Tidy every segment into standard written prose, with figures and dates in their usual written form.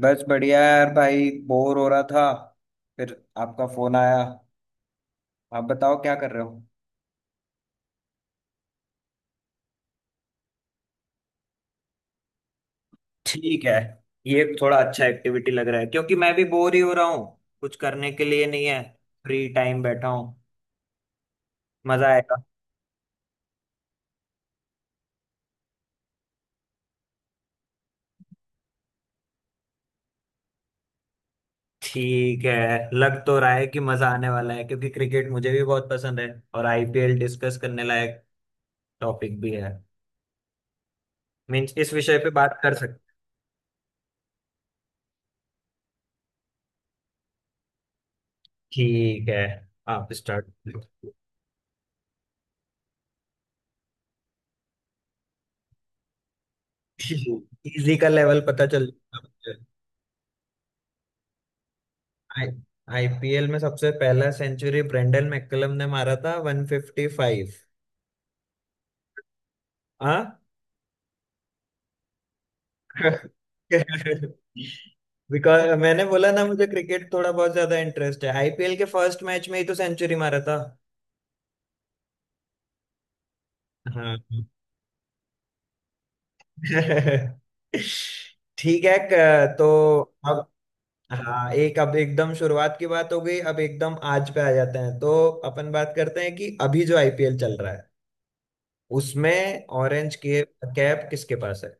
बस बढ़िया यार भाई, बोर हो रहा था। फिर आपका फोन आया। आप बताओ, क्या कर रहे हो। ठीक है, ये थोड़ा अच्छा एक्टिविटी लग रहा है क्योंकि मैं भी बोर ही हो रहा हूँ। कुछ करने के लिए नहीं है। फ्री टाइम बैठा हूँ। मजा आएगा। ठीक है, लग तो रहा है कि मजा आने वाला है क्योंकि क्रिकेट मुझे भी बहुत पसंद है। और आईपीएल डिस्कस करने लायक टॉपिक भी है। मीन्स इस विषय पे बात कर सकते। ठीक है, आप स्टार्ट। इजी का लेवल पता चल जाएगा मुझे। आई आईपीएल में सबसे पहला सेंचुरी ब्रेंडन मैकलम ने मारा था, 155। हाँ। बिकॉज मैंने बोला ना, मुझे क्रिकेट थोड़ा बहुत ज्यादा इंटरेस्ट है। आईपीएल के फर्स्ट मैच में ही तो सेंचुरी मारा था। हाँ। ठीक है। तो अब, हाँ एक, अब एकदम शुरुआत की बात हो गई, अब एकदम आज पे आ जाते हैं। तो अपन बात करते हैं कि अभी जो आईपीएल चल रहा है उसमें ऑरेंज कैप कैप किसके पास है।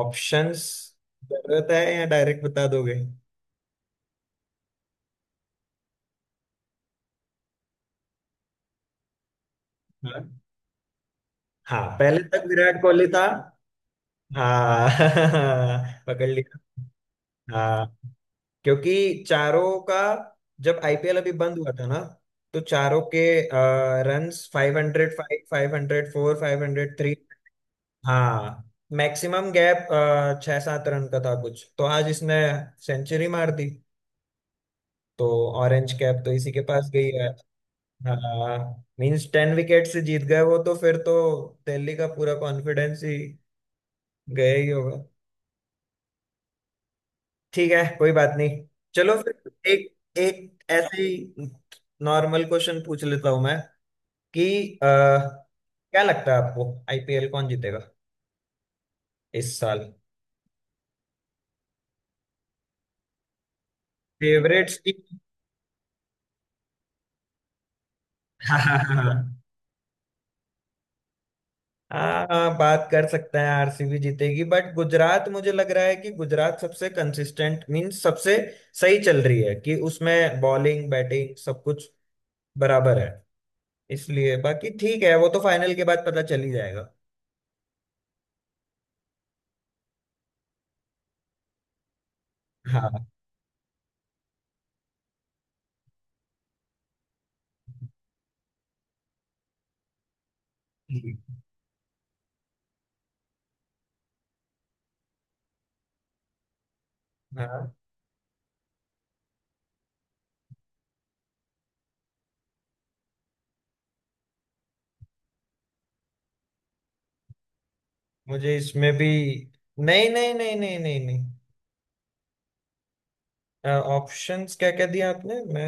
ऑप्शंस जरूरत है या डायरेक्ट बता दोगे। हाँ, हाँ पहले तक विराट कोहली था। हाँ। पकड़ लिया। हाँ, क्योंकि चारों का, जब आईपीएल अभी बंद हुआ था ना, तो चारों के रन्स 505, 504, 503। हाँ, मैक्सिमम गैप छह सात रन का था कुछ। तो आज इसने सेंचुरी मार दी, तो ऑरेंज कैप तो इसी के पास गई है। हाँ, मींस 10 विकेट से जीत गए वो तो, फिर तो दिल्ली का पूरा कॉन्फिडेंस ही गया ही होगा। ठीक है, कोई बात नहीं। चलो फिर एक एक ऐसे ही नॉर्मल क्वेश्चन पूछ लेता हूं मैं कि क्या लगता है आपको आईपीएल कौन जीतेगा इस साल। Favourite team. हाँ हाँ हाँ। हाँ, हाँ, बात कर सकते हैं, आरसीबी जीतेगी। बट गुजरात मुझे लग रहा है कि गुजरात सबसे कंसिस्टेंट, मीन सबसे सही चल रही है कि उसमें बॉलिंग बैटिंग सब कुछ बराबर है। इसलिए बाकी ठीक है, वो तो फाइनल के बाद पता चल ही जाएगा। हाँ, ठीक। हाँ, मुझे इसमें भी, नहीं नहीं नहीं नहीं नहीं नहीं। ऑप्शंस क्या क्या दिया आपने, मैं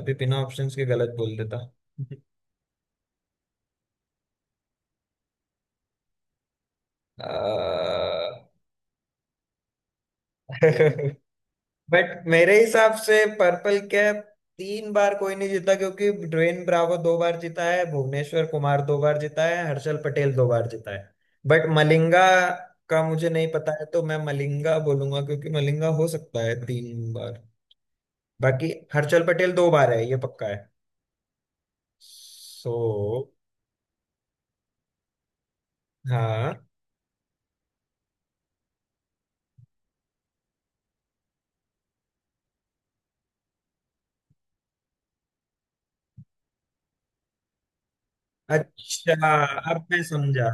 अभी बिना ऑप्शंस के गलत बोल देता। अ, बट मेरे हिसाब से पर्पल कैप तीन बार कोई नहीं जीता, क्योंकि ड्वेन ब्रावो दो बार जीता है, भुवनेश्वर कुमार दो बार जीता है, हर्षल पटेल दो बार जीता है। बट मलिंगा का मुझे नहीं पता है, तो मैं मलिंगा बोलूंगा, क्योंकि मलिंगा हो सकता है तीन बार। बाकी हर्षल पटेल दो बार है, ये पक्का है। सो, हाँ। अच्छा, अब मैं समझा।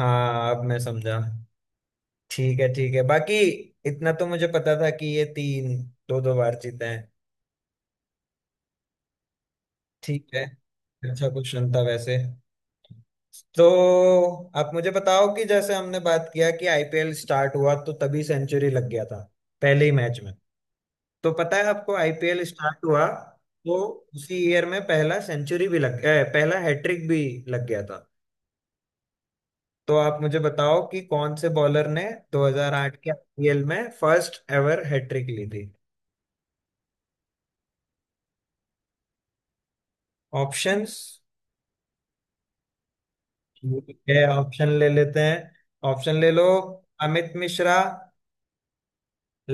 हाँ, अब मैं समझा। ठीक है, ठीक है, बाकी इतना तो मुझे पता था कि ये तीन दो दो बार जीते हैं। ठीक है, अच्छा क्वेश्चन था वैसे। तो आप मुझे बताओ कि जैसे हमने बात किया कि आईपीएल स्टार्ट हुआ तो तभी सेंचुरी लग गया था, पहले ही मैच में। तो पता है आपको आईपीएल स्टार्ट हुआ तो उसी ईयर में पहला सेंचुरी भी लग गया, पहला हैट्रिक भी लग गया था। तो आप मुझे बताओ कि कौन से बॉलर ने 2008 के आईपीएल में फर्स्ट एवर हैट्रिक ली थी। ऑप्शंस। ठीक है, ऑप्शन ले लेते हैं। ऑप्शन ले लो। अमित मिश्रा,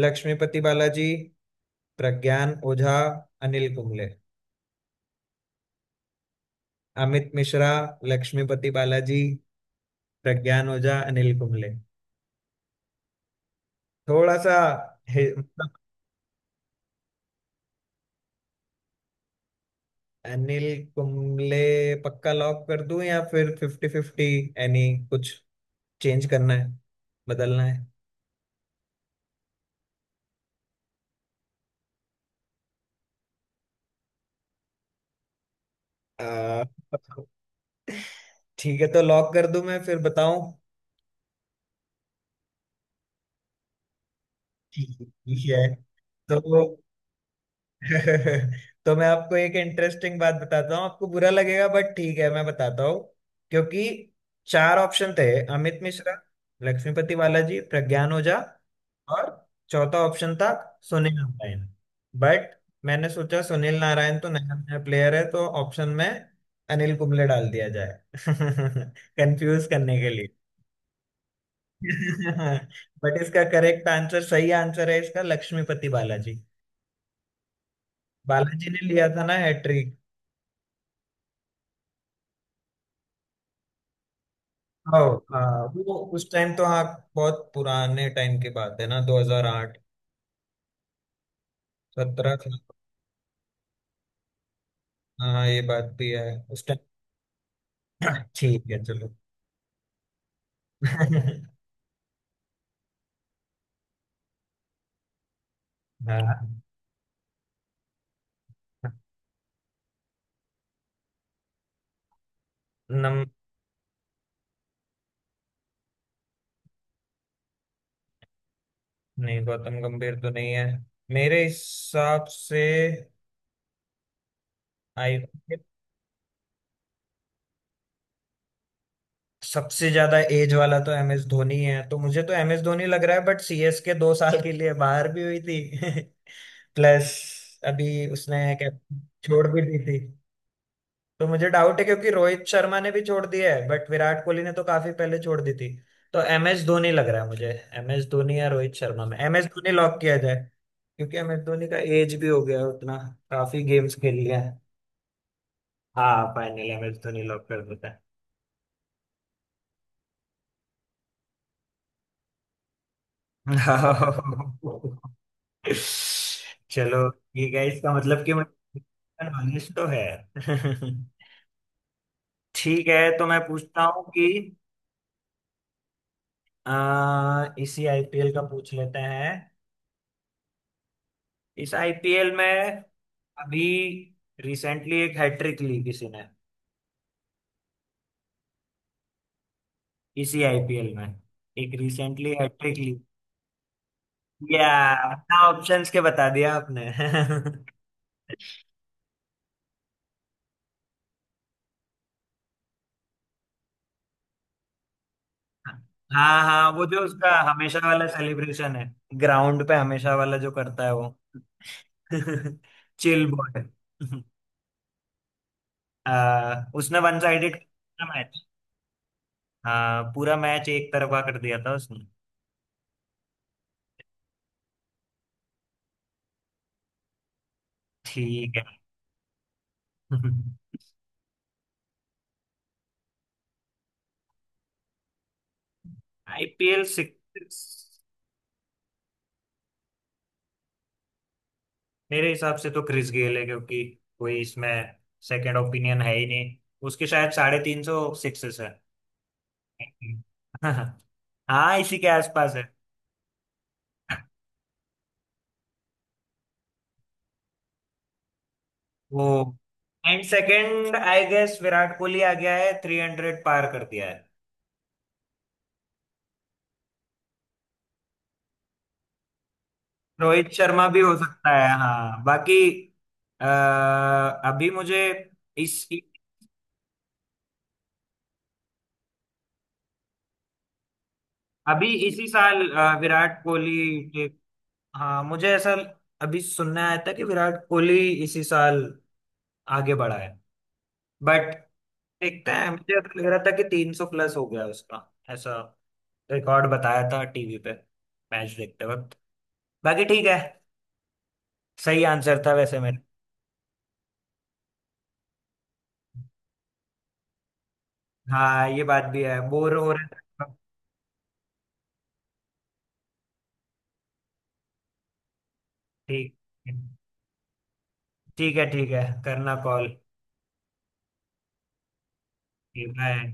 लक्ष्मीपति बालाजी, प्रज्ञान ओझा, अनिल कुंबले। अमित मिश्रा, लक्ष्मीपति बालाजी, प्रज्ञान ओझा, अनिल कुंबले। थोड़ा सा मतलब, अनिल कुंबले पक्का लॉक कर दूं, या फिर फिफ्टी फिफ्टी यानी कुछ चेंज करना है, बदलना है। आ, ठीक है, तो लॉक कर दूं मैं, फिर बताऊं। ठीक है, तो तो मैं आपको एक इंटरेस्टिंग बात बताता हूँ, आपको बुरा लगेगा बट ठीक है, मैं बताता हूँ। क्योंकि चार ऑप्शन थे, अमित मिश्रा, लक्ष्मीपति बालाजी, प्रज्ञान ओझा, और चौथा ऑप्शन था सुनील नारायण। बट मैंने सोचा सुनील नारायण तो नया नया प्लेयर है, तो ऑप्शन में अनिल कुंबले डाल दिया जाए। कंफ्यूज करने के लिए। बट इसका करेक्ट आंसर, सही आंसर है इसका लक्ष्मीपति बालाजी। बालाजी ने लिया था ना हैट्रिक। हाँ वो उस टाइम तो, हाँ बहुत पुराने टाइम की बात है ना, 2008, सत्रह। हाँ ये बात भी है, उस टाइम। ठीक है, चलो। हाँ नम नहीं, गौतम गंभीर तो नहीं है मेरे हिसाब से। आई सबसे ज्यादा एज वाला तो एम एस धोनी है, तो मुझे तो एम एस धोनी लग रहा है, बट सी एस के दो साल के लिए बाहर भी हुई थी। प्लस अभी उसने कैप्टन छोड़ भी दी थी, तो मुझे डाउट है, क्योंकि रोहित शर्मा ने भी छोड़ दिया है, बट विराट कोहली ने तो काफी पहले छोड़ दी थी। तो एम एस धोनी लग रहा है मुझे। एम एस धोनी या रोहित शर्मा में एम एस धोनी लॉक किया जाए, क्योंकि एम एस धोनी का एज भी हो गया है उतना, काफी गेम्स खेल लिया है। हाँ, finally M S Dhoni lock कर देता है। चलो ठीक है, इसका मतलब कि मुझे नॉलेज तो है। ठीक है, तो मैं पूछता हूँ कि इसी आईपीएल का पूछ लेते हैं। इस आईपीएल में अभी रिसेंटली एक हैट्रिक ली किसी ने, इसी आईपीएल में एक रिसेंटली हैट्रिक ली। या अपना ऑप्शंस के बता दिया आपने। हाँ हाँ, वो जो उसका हमेशा वाला सेलिब्रेशन है, ग्राउंड पे हमेशा वाला जो करता है वो। Chill boy. उसने वन साइडेड पूरा मैच, हाँ पूरा मैच एक तरफा कर दिया था उसने। ठीक है। आईपीएल सिक्स, मेरे हिसाब से तो क्रिस गेल है, क्योंकि कोई इसमें सेकंड ओपिनियन है ही नहीं। उसके शायद 350 सिक्सेस है। हाँ, इसी के आसपास है वो। And second I guess Virat Kohli आ गया है, 300 पार कर दिया है। रोहित शर्मा भी हो सकता है, हाँ। बाकी अह, अभी मुझे इस, अभी इसी साल विराट कोहली के, हाँ मुझे ऐसा अभी सुनने आया था कि विराट कोहली इसी साल आगे बढ़ा है। बट देखते हैं, मुझे लग रहा था कि 300 प्लस हो गया उसका, ऐसा रिकॉर्ड बताया था टीवी पे मैच देखते वक्त। बाकी ठीक है, सही आंसर था वैसे मेरा। हाँ ये बात भी है, बोर हो रहा था। ठीक, ठीक है, ठीक है, करना कॉल। बाय।